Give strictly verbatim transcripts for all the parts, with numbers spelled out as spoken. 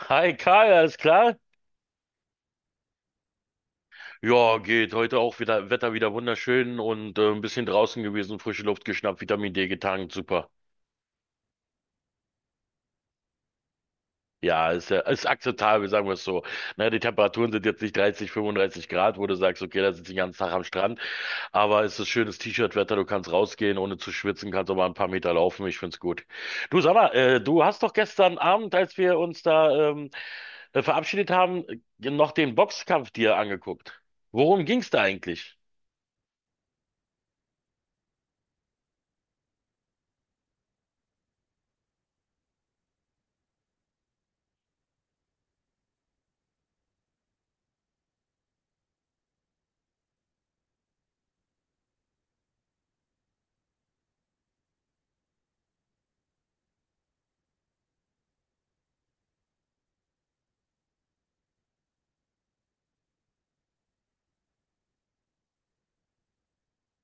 Hi Karl, alles klar? Ja, geht. Heute auch wieder Wetter wieder wunderschön und äh, ein bisschen draußen gewesen, frische Luft geschnappt, Vitamin D getankt, super. Ja, ist, ja- ist akzeptabel, sagen wir es so. Na, die Temperaturen sind jetzt nicht dreißig, fünfunddreißig Grad, wo du sagst, okay, da sitze ich den ganzen Tag am Strand, aber es ist schönes T-Shirt-Wetter, du kannst rausgehen, ohne zu schwitzen, kannst auch mal ein paar Meter laufen, ich find's gut. Du, sag mal, äh, du hast doch gestern Abend, als wir uns da ähm, äh, verabschiedet haben, äh, noch den Boxkampf dir angeguckt. Worum ging's da eigentlich?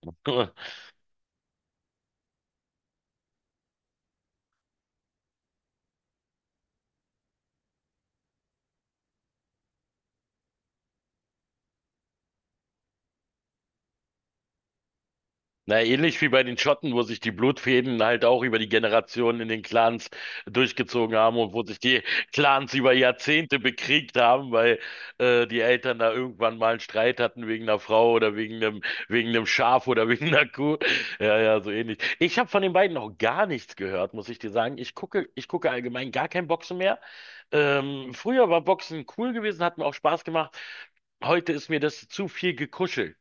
Na, ähnlich wie bei den Schotten, wo sich die Blutfäden halt auch über die Generationen in den Clans durchgezogen haben und wo sich die Clans über Jahrzehnte bekriegt haben, weil äh, die Eltern da irgendwann mal einen Streit hatten wegen einer Frau oder wegen einem wegen einem Schaf oder wegen einer Kuh. Ja, ja, so ähnlich. Ich habe von den beiden noch gar nichts gehört, muss ich dir sagen. Ich gucke, ich gucke allgemein gar kein Boxen mehr. Ähm, früher war Boxen cool gewesen, hat mir auch Spaß gemacht. Heute ist mir das zu viel gekuschelt.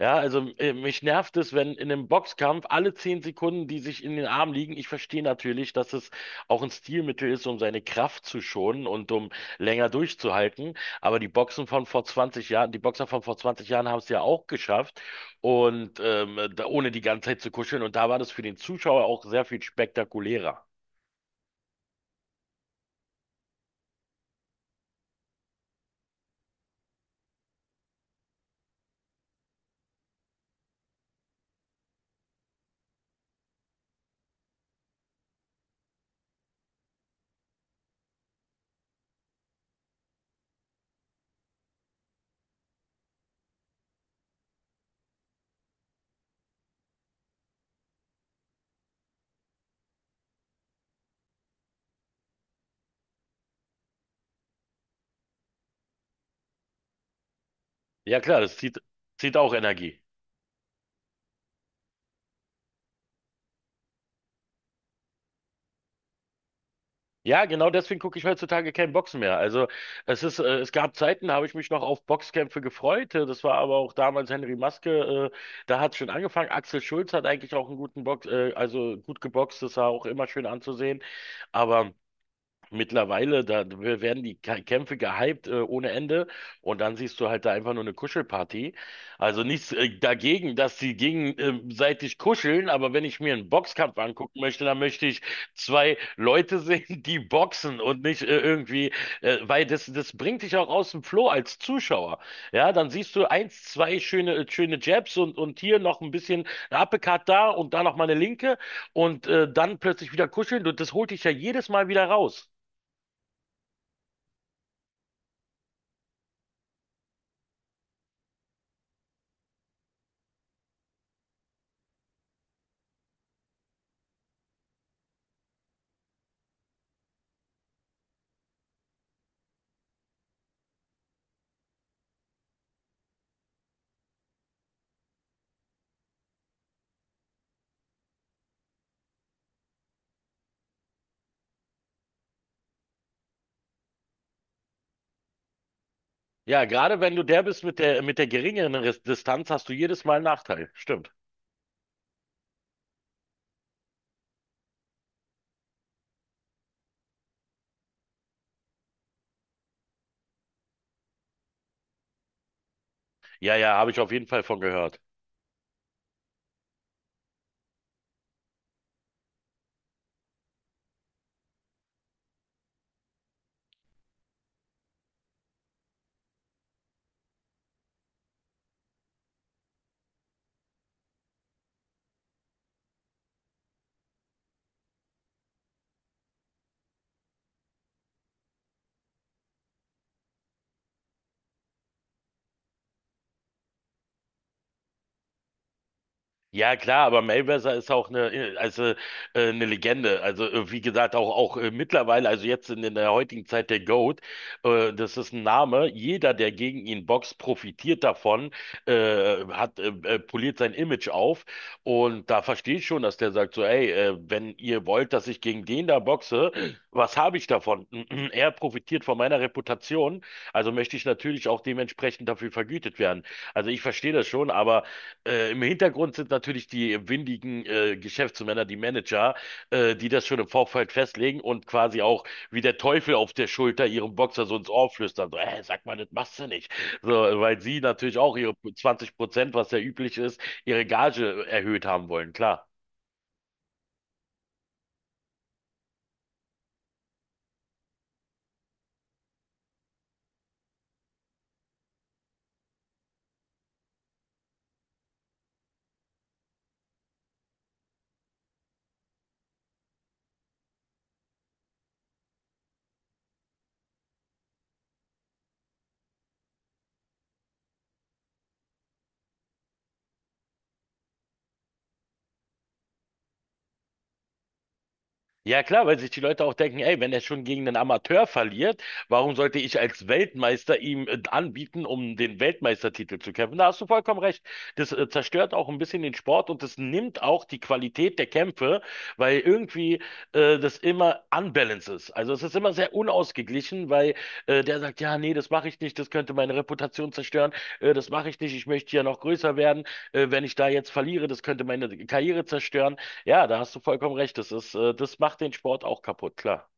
Ja, also äh, mich nervt es, wenn in einem Boxkampf alle zehn Sekunden, die sich in den Arm liegen. Ich verstehe natürlich, dass es auch ein Stilmittel ist, um seine Kraft zu schonen und um länger durchzuhalten. Aber die Boxen von vor zwanzig Jahren, die Boxer von vor zwanzig Jahren haben es ja auch geschafft und ähm, da, ohne die ganze Zeit zu kuscheln. Und da war das für den Zuschauer auch sehr viel spektakulärer. Ja klar, das zieht, zieht auch Energie. Ja, genau deswegen gucke ich heutzutage kein Boxen mehr. Also es ist, äh, es gab Zeiten, da habe ich mich noch auf Boxkämpfe gefreut. Äh, Das war aber auch damals Henry Maske, äh, da hat es schon angefangen. Axel Schulz hat eigentlich auch einen guten Box, äh, also gut geboxt, das war auch immer schön anzusehen. Aber mittlerweile, da werden die Kä- Kämpfe gehypt äh, ohne Ende und dann siehst du halt da einfach nur eine Kuschelparty. Also nichts äh, dagegen, dass sie gegenseitig kuscheln, aber wenn ich mir einen Boxkampf angucken möchte, dann möchte ich zwei Leute sehen, die boxen und nicht äh, irgendwie, äh, weil das, das bringt dich auch aus dem Flow als Zuschauer. Ja, dann siehst du eins, zwei schöne, äh, schöne Jabs und, und hier noch ein bisschen ein Uppercut da und da noch mal eine Linke und äh, dann plötzlich wieder kuscheln und das holt dich ja jedes Mal wieder raus. Ja, gerade wenn du der bist mit der, mit der geringeren Res- Distanz, hast du jedes Mal einen Nachteil. Stimmt. Ja, ja, habe ich auf jeden Fall von gehört. Ja, klar, aber Mayweather ist auch eine, äh, also, äh, eine Legende. Also, äh, wie gesagt, auch, auch äh, mittlerweile, also jetzt in, in der heutigen Zeit der GOAT, äh, das ist ein Name. Jeder, der gegen ihn boxt, profitiert davon, äh, hat, äh, äh, poliert sein Image auf. Und da verstehe ich schon, dass der sagt so, ey, äh, wenn ihr wollt, dass ich gegen den da boxe, was habe ich davon? Er profitiert von meiner Reputation, also möchte ich natürlich auch dementsprechend dafür vergütet werden. Also, ich verstehe das schon, aber äh, im Hintergrund sind natürlich die windigen äh, Geschäftsmänner, die Manager, äh, die das schon im Vorfeld festlegen und quasi auch wie der Teufel auf der Schulter ihrem Boxer so ins Ohr flüstern. So, äh, sag mal, das machst du nicht. So, weil sie natürlich auch ihre zwanzig Prozent, was ja üblich ist, ihre Gage erhöht haben wollen, klar. Ja klar, weil sich die Leute auch denken, ey, wenn er schon gegen einen Amateur verliert, warum sollte ich als Weltmeister ihm äh, anbieten, um den Weltmeistertitel zu kämpfen? Da hast du vollkommen recht. Das äh, zerstört auch ein bisschen den Sport und das nimmt auch die Qualität der Kämpfe, weil irgendwie äh, das immer unbalanced ist. Also es ist immer sehr unausgeglichen, weil äh, der sagt, ja, nee, das mache ich nicht, das könnte meine Reputation zerstören, äh, das mache ich nicht, ich möchte ja noch größer werden, äh, wenn ich da jetzt verliere, das könnte meine Karriere zerstören. Ja, da hast du vollkommen recht. Das ist, äh, das macht den Sport auch kaputt, klar.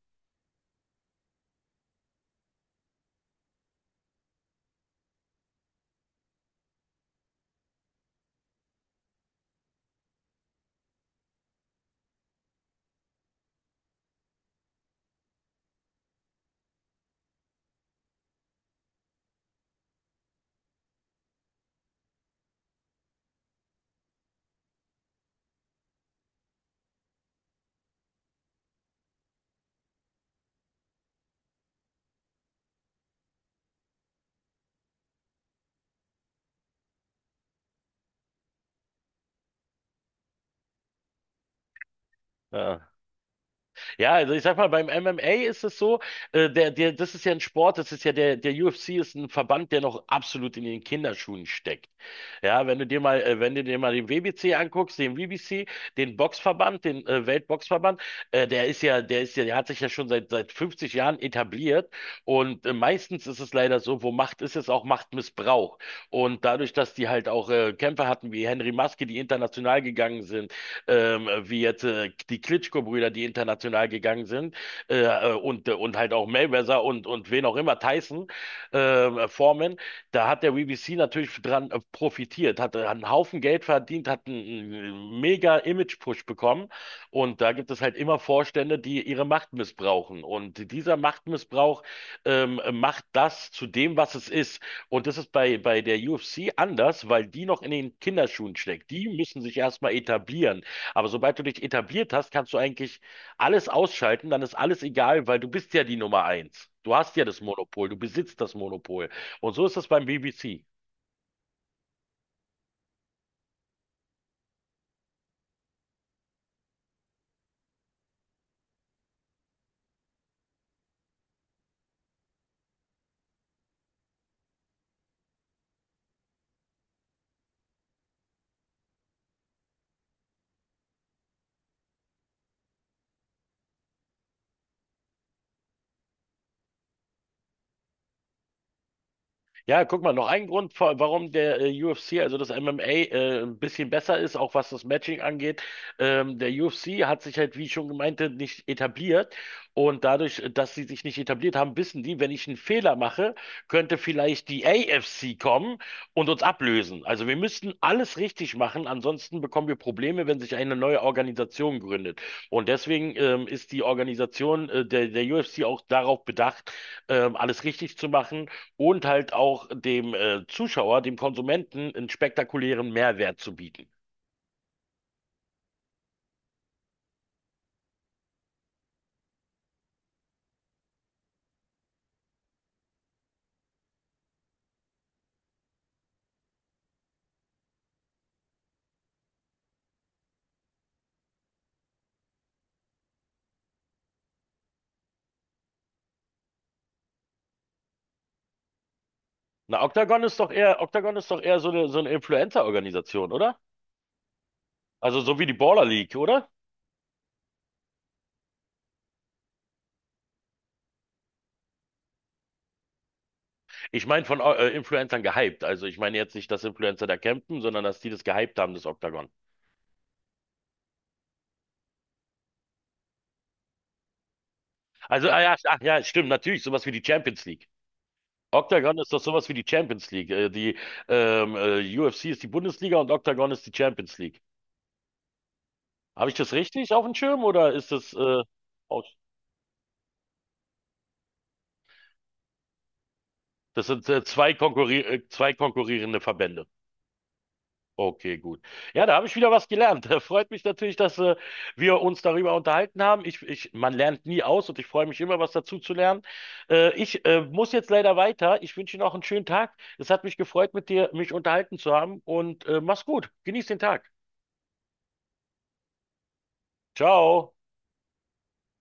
Ja. Ja, also ich sag mal, beim M M A ist es so, äh, der, der, das ist ja ein Sport, das ist ja der, der U F C ist ein Verband, der noch absolut in den Kinderschuhen steckt. Ja, wenn du dir mal, äh, wenn du dir mal den W B C anguckst, den W B C, den Boxverband, den äh, Weltboxverband, äh, der ist ja, der ist ja, der hat sich ja schon seit, seit fünfzig Jahren etabliert und äh, meistens ist es leider so, wo Macht ist, ist auch Machtmissbrauch. Und dadurch, dass die halt auch äh, Kämpfer hatten wie Henry Maske, die international gegangen sind, ähm, wie jetzt äh, die Klitschko-Brüder, die international gegangen sind, äh, äh, und, äh, und halt auch Mayweather und, und wen auch immer, Tyson, ähm, äh, Foreman, da hat der B B C natürlich dran äh, profitiert, hat äh, einen Haufen Geld verdient, hat einen, einen mega Image-Push bekommen. Und da gibt es halt immer Vorstände, die ihre Macht missbrauchen. Und dieser Machtmissbrauch ähm, macht das zu dem, was es ist. Und das ist bei, bei der U F C anders, weil die noch in den Kinderschuhen steckt. Die müssen sich erstmal etablieren. Aber sobald du dich etabliert hast, kannst du eigentlich alles ausschalten, dann ist alles egal, weil du bist ja die Nummer eins. Du hast ja das Monopol, du besitzt das Monopol. Und so ist das beim B B C. Ja, guck mal, noch ein Grund, vor- warum der äh, U F C, also das M M A, äh, ein bisschen besser ist, auch was das Matching angeht. Ähm, der U F C hat sich halt, wie ich schon gemeinte, nicht etabliert. Und dadurch, äh, dass sie sich nicht etabliert haben, wissen die, wenn ich einen Fehler mache, könnte vielleicht die A F C kommen und uns ablösen. Also wir müssten alles richtig machen, ansonsten bekommen wir Probleme, wenn sich eine neue Organisation gründet. Und deswegen ähm, ist die Organisation äh, der, der U F C auch darauf bedacht, ähm, alles richtig zu machen und halt auch dem äh, Zuschauer, dem Konsumenten, einen spektakulären Mehrwert zu bieten. Na, Octagon ist doch eher, Octagon ist doch eher so eine, so eine Influencer-Organisation, oder? Also so wie die Baller League, oder? Ich meine von äh, Influencern gehypt. Also ich meine jetzt nicht, dass Influencer da campen, sondern dass die das gehypt haben, das Octagon. Also, ah ja, ach ja, stimmt, natürlich, sowas wie die Champions League. Octagon ist doch sowas wie die Champions League. Äh, die ähm, äh, U F C ist die Bundesliga und Octagon ist die Champions League. Habe ich das richtig auf dem Schirm oder ist das äh, das sind äh, zwei konkurri äh, zwei konkurrierende Verbände. Okay, gut. Ja, da habe ich wieder was gelernt. Freut mich natürlich, dass äh, wir uns darüber unterhalten haben. Ich, ich, man lernt nie aus und ich freue mich immer, was dazu zu lernen. Äh, ich äh, muss jetzt leider weiter. Ich wünsche Ihnen auch einen schönen Tag. Es hat mich gefreut, mit dir mich unterhalten zu haben und äh, mach's gut. Genieß den Tag. Ciao.